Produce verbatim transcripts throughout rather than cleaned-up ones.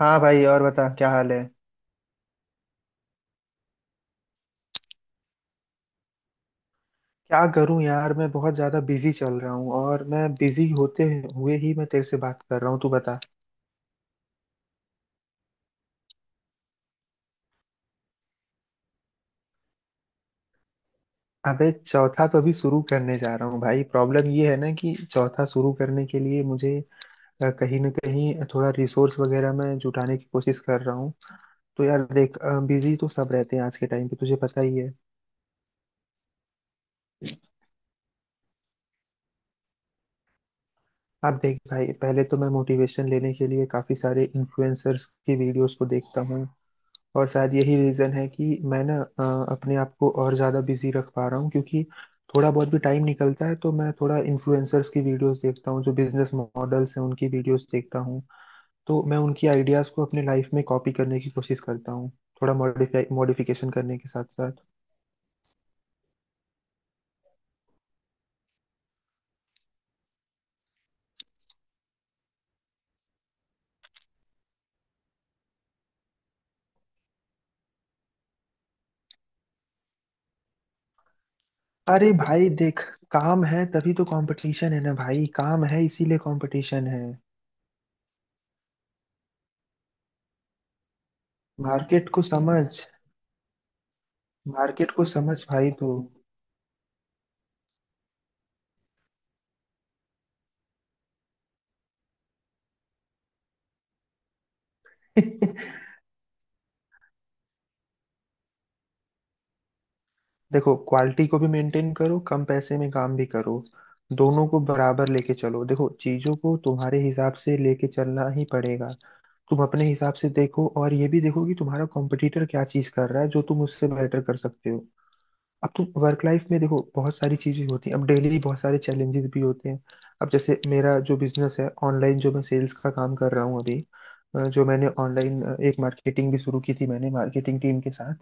हाँ भाई, और बता क्या हाल है। क्या करूं यार, मैं बहुत ज्यादा बिजी चल रहा हूँ और मैं बिजी होते हुए ही मैं तेरे से बात कर रहा हूँ। तू बता। अबे चौथा तो अभी शुरू करने जा रहा हूँ भाई। प्रॉब्लम ये है ना कि चौथा शुरू करने के लिए मुझे अ, कहीं ना कहीं थोड़ा रिसोर्स वगैरह मैं जुटाने की कोशिश कर रहा हूँ। तो यार देख, बिजी तो सब रहते हैं आज के टाइम पे, तुझे पता ही है। अब देख भाई, पहले तो मैं मोटिवेशन लेने के लिए काफी सारे इन्फ्लुएंसर्स की वीडियोस को देखता हूँ। और शायद यही रीज़न है कि मैं ना अ, अपने आप को और ज़्यादा बिजी रख पा रहा हूँ, क्योंकि थोड़ा बहुत भी टाइम निकलता है तो मैं थोड़ा इन्फ्लुएंसर्स की वीडियोस देखता हूँ, जो बिजनेस मॉडल्स हैं उनकी वीडियोस देखता हूँ। तो मैं उनकी आइडियाज़ को अपने लाइफ में कॉपी करने की कोशिश करता हूँ, थोड़ा मॉडिफाई मॉडिफिकेशन करने के साथ साथ। अरे भाई देख, काम है तभी तो कंपटीशन है ना भाई, काम है इसीलिए कंपटीशन है। मार्केट को समझ। मार्केट को समझ भाई तू। देखो, क्वालिटी को भी मेंटेन करो, कम पैसे में काम भी करो। दोनों को बराबर लेके चलो। देखो, चीजों को तुम्हारे हिसाब से लेके चलना ही पड़ेगा। तुम अपने हिसाब से देखो, और ये भी देखो कि तुम्हारा कॉम्पिटिटर क्या चीज कर रहा है, जो तुम उससे बेटर कर सकते हो। अब तुम वर्क लाइफ में देखो, बहुत सारी चीजें होती हैं, अब डेली बहुत सारे चैलेंजेस भी होते हैं। अब जैसे मेरा जो बिजनेस है, ऑनलाइन जो मैं सेल्स का काम कर रहा हूँ अभी, अ, जो मैंने ऑनलाइन एक मार्केटिंग भी शुरू की थी, मैंने मार्केटिंग टीम के साथ।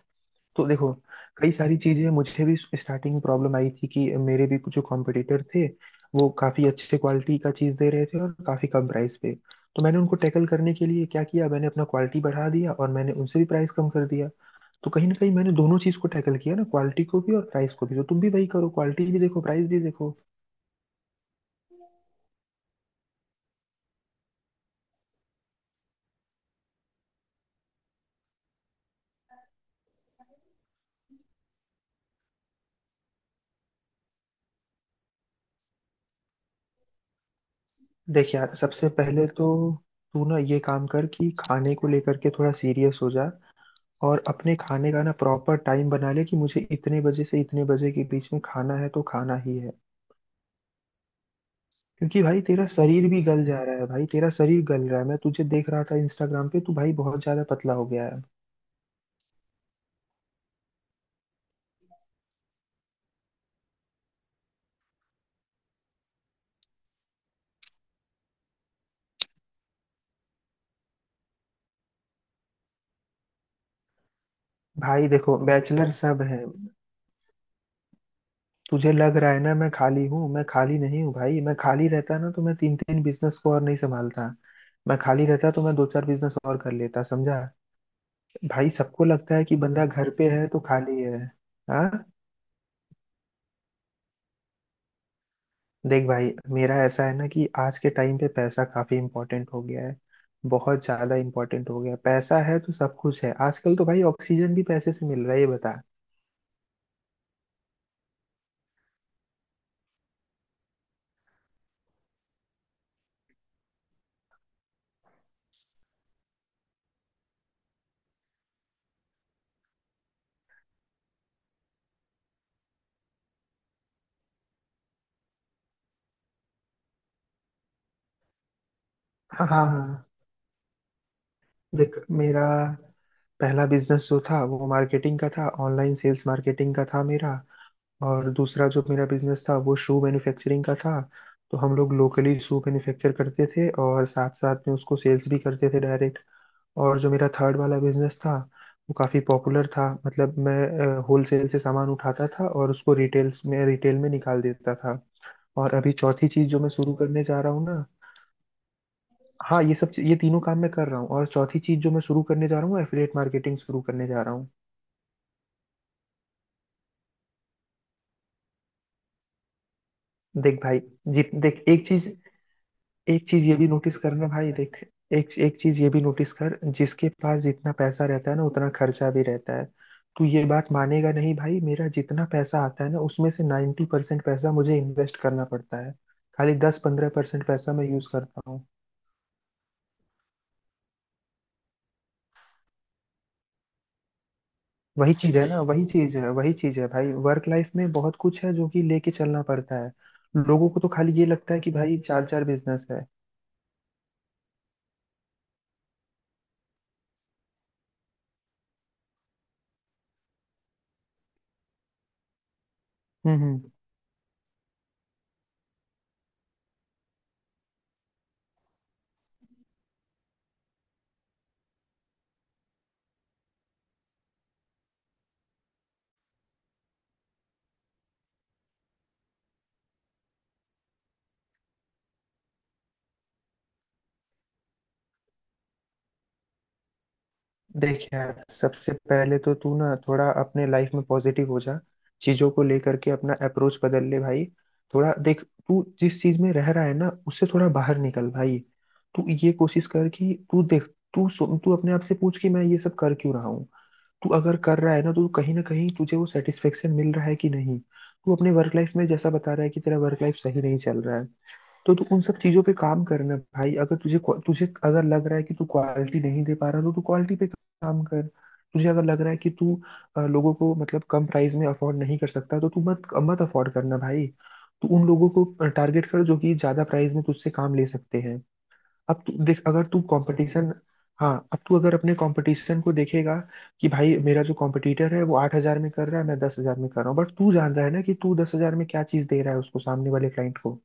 तो देखो, कई सारी चीजें मुझे भी स्टार्टिंग में प्रॉब्लम आई थी कि मेरे भी कुछ जो कॉम्पिटिटर थे, वो काफी अच्छे क्वालिटी का चीज दे रहे थे और काफी कम प्राइस पे। तो मैंने उनको टैकल करने के लिए क्या किया, मैंने अपना क्वालिटी बढ़ा दिया और मैंने उनसे भी प्राइस कम कर दिया। तो कहीं ना कहीं मैंने दोनों चीज को टैकल किया ना, क्वालिटी को भी और प्राइस को भी। तो तुम भी वही करो, क्वालिटी भी देखो, प्राइस भी देखो। देख यार, सबसे पहले तो तू ना ये काम कर कि खाने को लेकर के थोड़ा सीरियस हो जा। और अपने खाने का ना प्रॉपर टाइम बना ले कि मुझे इतने बजे से इतने बजे के बीच में खाना है तो खाना ही है। क्योंकि भाई, तेरा शरीर भी गल जा रहा है भाई, तेरा शरीर गल रहा है। मैं तुझे देख रहा था इंस्टाग्राम पे, तू भाई बहुत ज्यादा पतला हो गया है। भाई देखो, बैचलर सब है। तुझे लग रहा है ना मैं खाली हूँ? मैं खाली नहीं हूँ भाई। मैं खाली रहता ना तो मैं तीन तीन बिजनेस को और नहीं संभालता। मैं खाली रहता तो मैं दो चार बिजनेस और कर लेता, समझा। भाई सबको लगता है कि बंदा घर पे है तो खाली है। हाँ। देख भाई, मेरा ऐसा है ना कि आज के टाइम पे पैसा काफी इंपॉर्टेंट हो गया है, बहुत ज्यादा इंपॉर्टेंट हो गया है। पैसा है तो सब कुछ है, आजकल तो भाई ऑक्सीजन भी पैसे से मिल रहा है, ये बता। हाँ हाँ। देख, मेरा पहला बिजनेस जो था वो मार्केटिंग का था, ऑनलाइन सेल्स मार्केटिंग का था मेरा। और दूसरा जो मेरा बिजनेस था वो शू मैन्युफैक्चरिंग का था। तो हम लोग लोकली शू मैन्युफैक्चर करते थे और साथ साथ में उसको सेल्स भी करते थे डायरेक्ट। और जो मेरा थर्ड वाला बिजनेस था, वो काफ़ी पॉपुलर था, मतलब मैं होलसेल से सामान उठाता था और उसको रिटेल्स में रिटेल में निकाल देता था। और अभी चौथी चीज़ जो मैं शुरू करने जा रहा हूँ ना। हाँ, ये सब ये तीनों काम मैं कर रहा हूँ, और चौथी चीज़ जो मैं शुरू करने जा रहा हूँ, एफिलिएट मार्केटिंग शुरू करने जा रहा हूँ। देख भाई, जित देख एक चीज, एक चीज ये भी नोटिस करना भाई, देख, एक एक चीज ये भी नोटिस कर, जिसके पास जितना पैसा रहता है ना उतना खर्चा भी रहता है। तू ये बात मानेगा नहीं भाई, मेरा जितना पैसा आता है ना उसमें से नाइन्टी परसेंट पैसा मुझे इन्वेस्ट करना पड़ता है। खाली दस पंद्रह परसेंट पैसा मैं यूज करता हूँ। वही चीज है ना, वही चीज है, वही चीज है भाई। वर्क लाइफ में बहुत कुछ है जो कि लेके चलना पड़ता है, लोगों को तो खाली ये लगता है कि भाई चार चार बिजनेस है। हम्म हम्म। देख यार, सबसे पहले तो तू ना थोड़ा अपने लाइफ में पॉजिटिव हो जा। चीजों को लेकर के अपना अप्रोच बदल ले भाई। थोड़ा देख, तू जिस चीज में रह रहा है ना उससे थोड़ा बाहर निकल भाई। तू ये कोशिश कर कि तू देख, तू सो- तू अपने आप से पूछ कि मैं ये सब कर क्यों रहा हूँ। तू अगर कर रहा है ना तो कहीं ना कहीं तुझे वो सेटिस्फेक्शन मिल रहा है कि नहीं। तू अपने वर्क लाइफ में जैसा बता रहा है कि तेरा वर्क लाइफ सही नहीं चल रहा है, तो तू उन सब चीजों पे काम करना भाई। अगर तुझे, तुझे अगर लग रहा है कि तू क्वालिटी नहीं दे पा रहा, तो तू क्वालिटी पे काम कर। तुझे अगर लग रहा है कि तू अ, लोगों को, मतलब कम प्राइस में अफोर्ड नहीं कर सकता, तो तू मत मत अफोर्ड करना भाई। तू उन लोगों को टारगेट कर जो कि ज्यादा प्राइस में तुझसे काम ले सकते हैं। अब तू देख, अगर तू कंपटीशन, हाँ, अब तू अगर अपने कंपटीशन को देखेगा कि भाई मेरा जो कंपटीटर है वो आठ हजार में कर रहा है, मैं दस हजार में कर रहा हूँ, बट तू जान रहा है ना कि तू दस हजार में क्या चीज दे रहा है उसको, सामने वाले क्लाइंट को।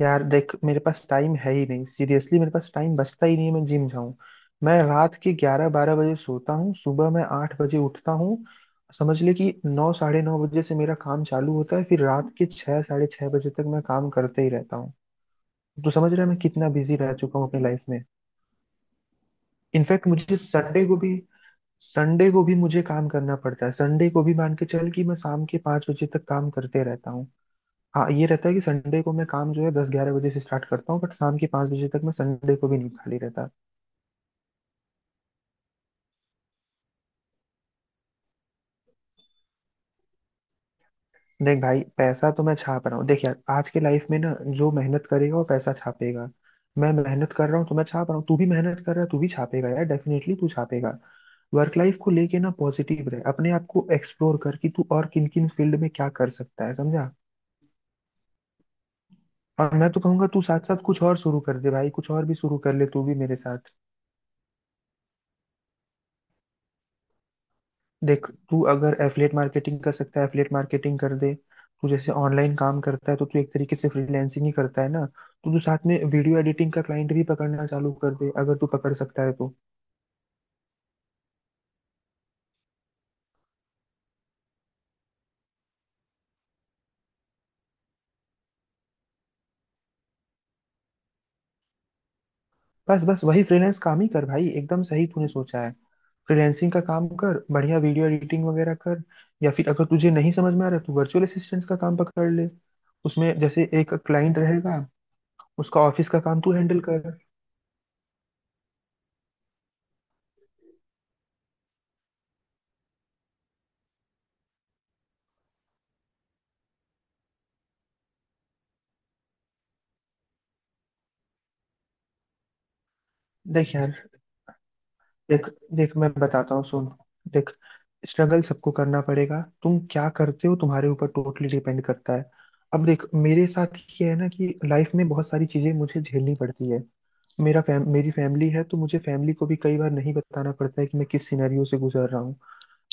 यार देख, मेरे पास टाइम है ही नहीं। सीरियसली मेरे पास टाइम बचता ही नहीं है मैं जिम जाऊं। मैं रात के ग्यारह बारह बजे सोता हूँ, सुबह मैं आठ बजे उठता हूँ। समझ ले कि नौ साढ़े नौ बजे से मेरा काम चालू होता है, फिर रात के छः साढ़े छः बजे तक मैं काम करते ही रहता हूँ। तो समझ रहा है मैं कितना बिजी रह चुका हूँ अपनी लाइफ में। इनफैक्ट मुझे संडे को भी, संडे को भी मुझे काम करना पड़ता है। संडे को भी मान के चल कि मैं शाम के पाँच बजे तक काम करते रहता हूँ। हाँ, ये रहता है कि संडे को मैं काम जो है दस ग्यारह बजे से स्टार्ट करता हूँ, बट शाम के पाँच बजे तक मैं संडे को भी नहीं खाली रहता। देख भाई, पैसा तो मैं छाप रहा हूँ। देख यार, आज के लाइफ में ना जो मेहनत करेगा वो पैसा छापेगा। मैं मेहनत कर रहा हूँ तो मैं छाप रहा हूँ, तू भी मेहनत कर रहा है तू भी छापेगा यार, डेफिनेटली तू छापेगा। वर्क लाइफ को लेके ना पॉजिटिव रहे, अपने आप को एक्सप्लोर कर कि तू और किन किन फील्ड में क्या कर सकता है, समझा। और मैं तो कहूंगा तू साथ साथ कुछ और शुरू कर दे भाई, कुछ और भी शुरू कर ले तू भी मेरे साथ। देख, तू अगर एफिलिएट मार्केटिंग कर सकता है, एफिलिएट मार्केटिंग कर दे। तू जैसे ऑनलाइन काम करता है, तो तू एक तरीके से फ्रीलैंसिंग ही करता है ना, तो तू साथ में वीडियो एडिटिंग का क्लाइंट भी पकड़ना चालू कर दे, अगर तू पकड़ सकता है तो। बस बस वही फ्रीलांस काम ही कर भाई, एकदम सही तूने सोचा है। फ्रीलैंसिंग का काम कर, बढ़िया वीडियो एडिटिंग वगैरह कर। या फिर अगर तुझे नहीं समझ में आ रहा, तू वर्चुअल असिस्टेंट का काम पकड़ ले। उसमें जैसे एक क्लाइंट रहेगा, उसका ऑफिस का काम तू हैंडल कर। देख यार, देख, देख, मैं बताता हूँ सुन। देख, स्ट्रगल सबको करना पड़ेगा, तुम क्या करते हो तुम्हारे ऊपर टोटली डिपेंड करता है। अब देख मेरे साथ, ये है ना कि लाइफ में बहुत सारी चीजें मुझे झेलनी पड़ती है। मेरा फैम मेरी फैमिली है, तो मुझे फैमिली को भी कई बार नहीं बताना पड़ता है कि मैं किस सिनेरियो से गुजर रहा हूँ।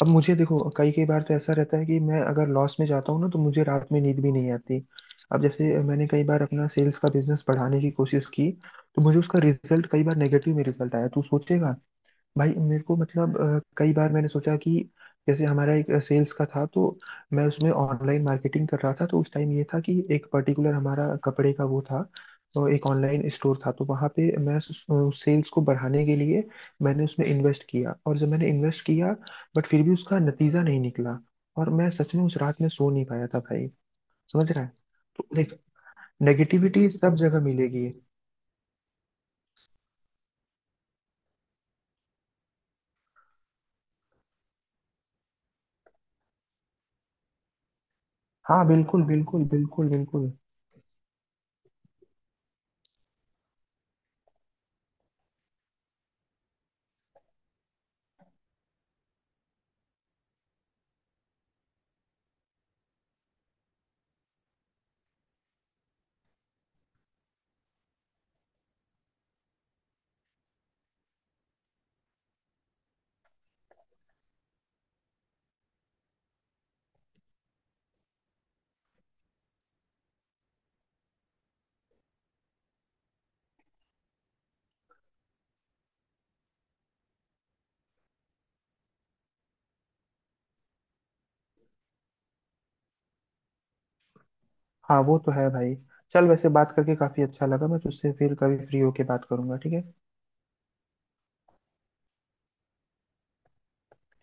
अब मुझे देखो, कई कई बार तो ऐसा रहता है कि मैं अगर लॉस में जाता हूँ ना, तो मुझे रात में नींद भी नहीं आती। अब जैसे मैंने कई बार अपना सेल्स का बिजनेस बढ़ाने की कोशिश की, तो मुझे उसका रिजल्ट, कई बार नेगेटिव में रिजल्ट आया। तू सोचेगा, भाई मेरे को, मतलब अ, कई बार मैंने सोचा कि, जैसे हमारा एक सेल्स का था, तो मैं उसमें ऑनलाइन मार्केटिंग कर रहा था, तो उस टाइम ये था कि एक पर्टिकुलर हमारा कपड़े का वो था, तो एक ऑनलाइन स्टोर था, तो वहाँ पे मैं सेल्स को बढ़ाने के लिए, मैंने उसमें इन्वेस्ट किया, और जब मैंने इन्वेस्ट किया, बट फिर भी उसका नतीजा नहीं निकला, और मैं सच में उस रात में सो नहीं पाया था भाई। समझ रहा है? तो देख, नेगेटिविटी सब जगह मिलेगी। हाँ, बिल्कुल बिल्कुल बिल्कुल बिल्कुल। हाँ, वो तो है भाई। चल, वैसे बात करके काफी अच्छा लगा, मैं तुझसे फिर कभी फ्री होके बात करूंगा, ठीक है।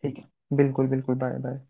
ठीक है, बिल्कुल बिल्कुल। Bye bye.